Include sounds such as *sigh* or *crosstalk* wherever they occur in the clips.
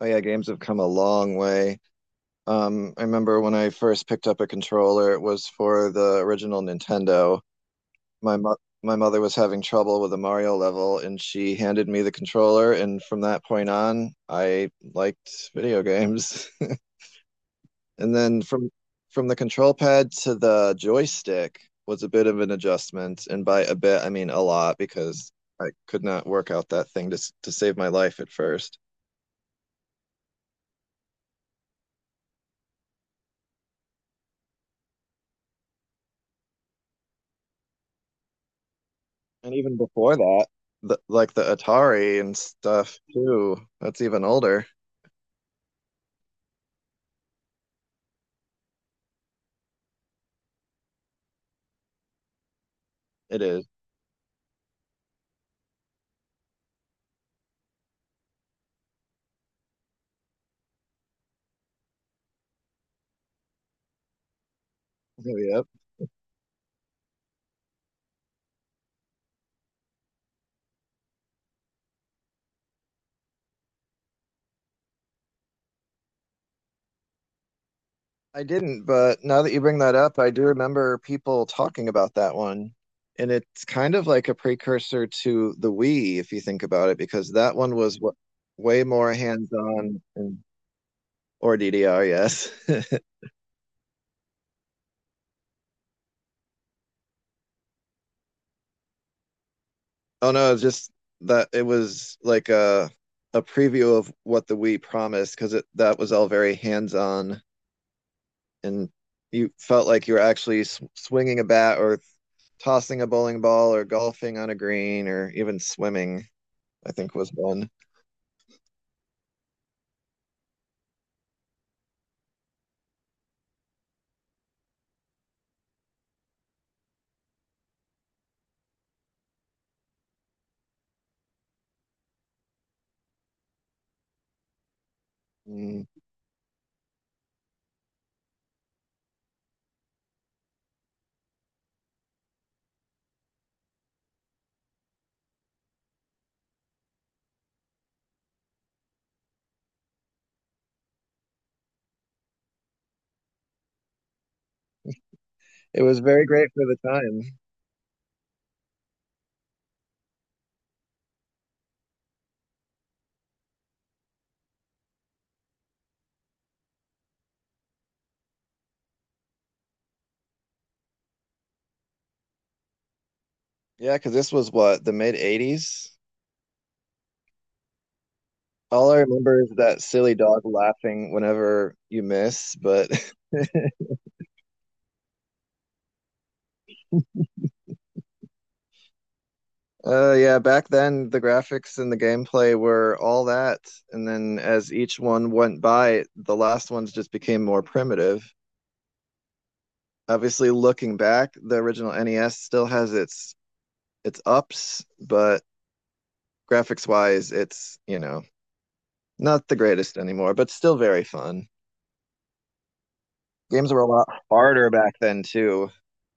Oh yeah, games have come a long way. I remember when I first picked up a controller, it was for the original Nintendo. My mo my mother was having trouble with a Mario level, and she handed me the controller, and from that point on, I liked video games. *laughs* And then from the control pad to the joystick was a bit of an adjustment, and by a bit, I mean a lot because I could not work out that thing to save my life at first. And even before that, like the Atari and stuff too. That's even older. It is. Oh, yep. I didn't, but now that you bring that up, I do remember people talking about that one. And it's kind of like a precursor to the Wii, if you think about it, because that one was w way more hands-on. And or DDR, yes. *laughs* Oh no, it's just that it was like a preview of what the Wii promised, because it that was all very hands-on, and you felt like you were actually swinging a bat or tossing a bowling ball or golfing on a green or even swimming, I think was one. Mm. It was very great for the time. Yeah, because this was what, the mid 80s? All I remember is that silly dog laughing whenever you miss, but *laughs* yeah, back then the graphics and the gameplay were all that. And then as each one went by, the last ones just became more primitive. Obviously looking back, the original NES still has its ups, but graphics wise, it's, you know, not the greatest anymore, but still very fun. Games were a lot harder back then too.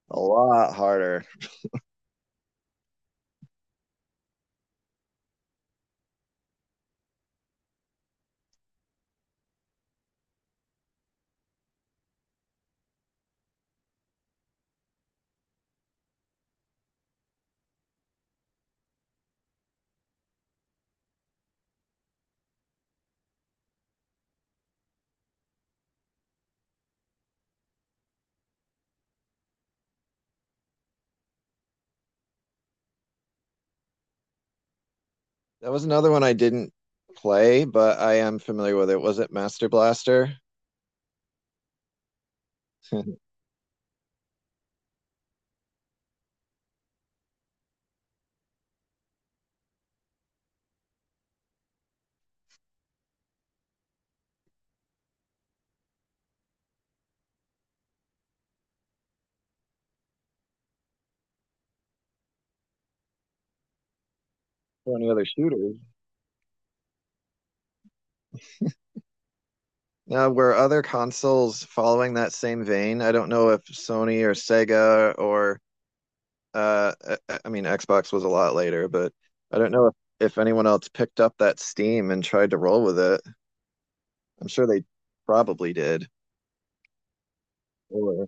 A lot harder. That was another one I didn't play, but I am familiar with it. Was it Master Blaster? *laughs* Or any other shooters. Now, were other consoles following that same vein? I don't know if Sony or Sega or Uh, I mean, Xbox was a lot later, but I don't know if anyone else picked up that Steam and tried to roll with it. I'm sure they probably did. Or,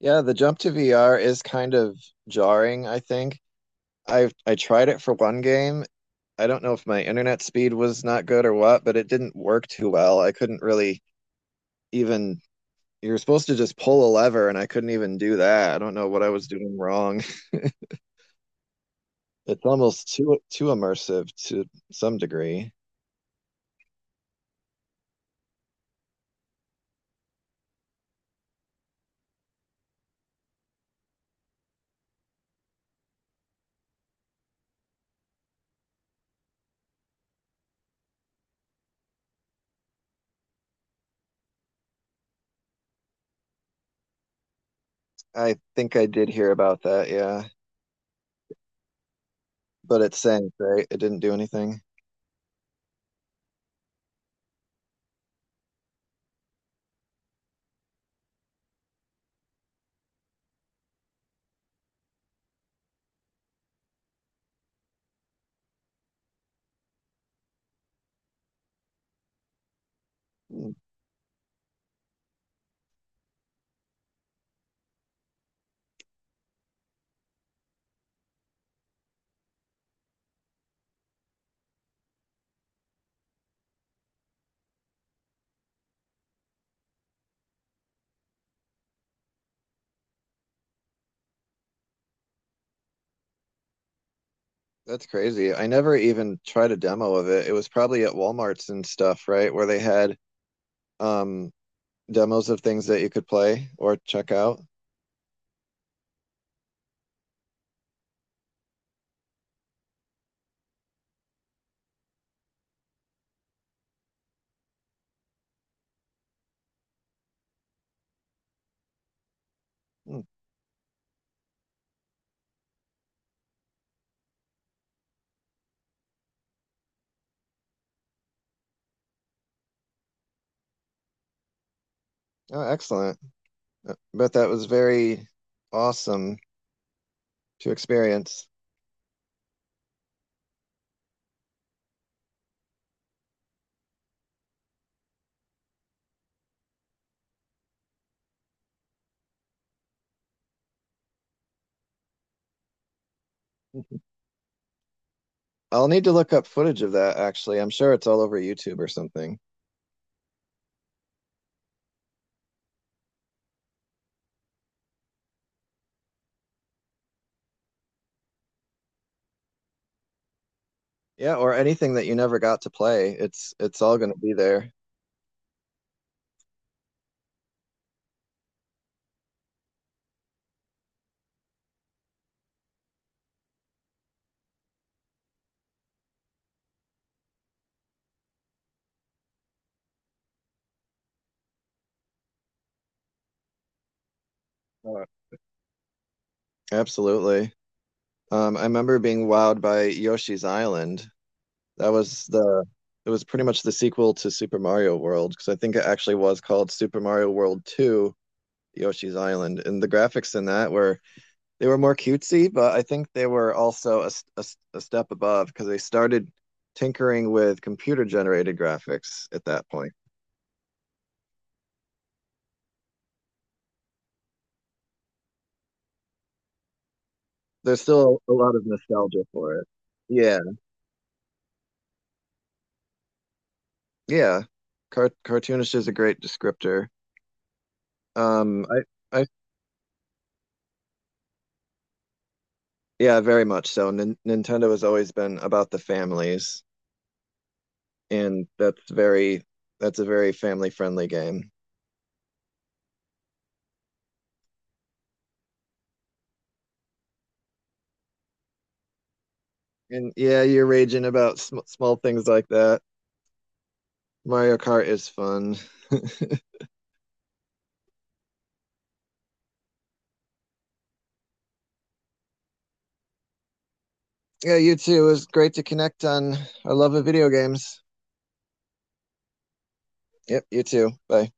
yeah, the jump to VR is kind of jarring, I think. I tried it for one game. I don't know if my internet speed was not good or what, but it didn't work too well. I couldn't really even, you're supposed to just pull a lever and I couldn't even do that. I don't know what I was doing wrong. *laughs* It's almost too immersive to some degree. I think I did hear about that, yeah. But it sank, right? It didn't do anything. Mm. That's crazy. I never even tried a demo of it. It was probably at Walmarts and stuff, right? Where they had um demos of things that you could play or check out. Mm. Oh, excellent. But that was very awesome to experience. I'll need to look up footage of that actually. I'm sure it's all over YouTube or something. Yeah, or anything that you never got to play. It's all going to be there. Uh, Absolutely. I remember being wowed by Yoshi's Island. That was the it was pretty much the sequel to Super Mario World because I think it actually was called Super Mario World 2 Yoshi's Island. And the graphics in that were they were more cutesy, but I think they were also a step above because they started tinkering with computer generated graphics at that point. There's still a lot of nostalgia for it. Yeah, yeah. Car cartoonish is a great descriptor. Um, I, I. Yeah, very much so. Nintendo has always been about the families, and that's a very family-friendly game. And yeah, you're raging about sm small things like that. Mario Kart is fun. *laughs* Yeah, you too. It was great to connect on our love of video games. Yep, you too. Bye.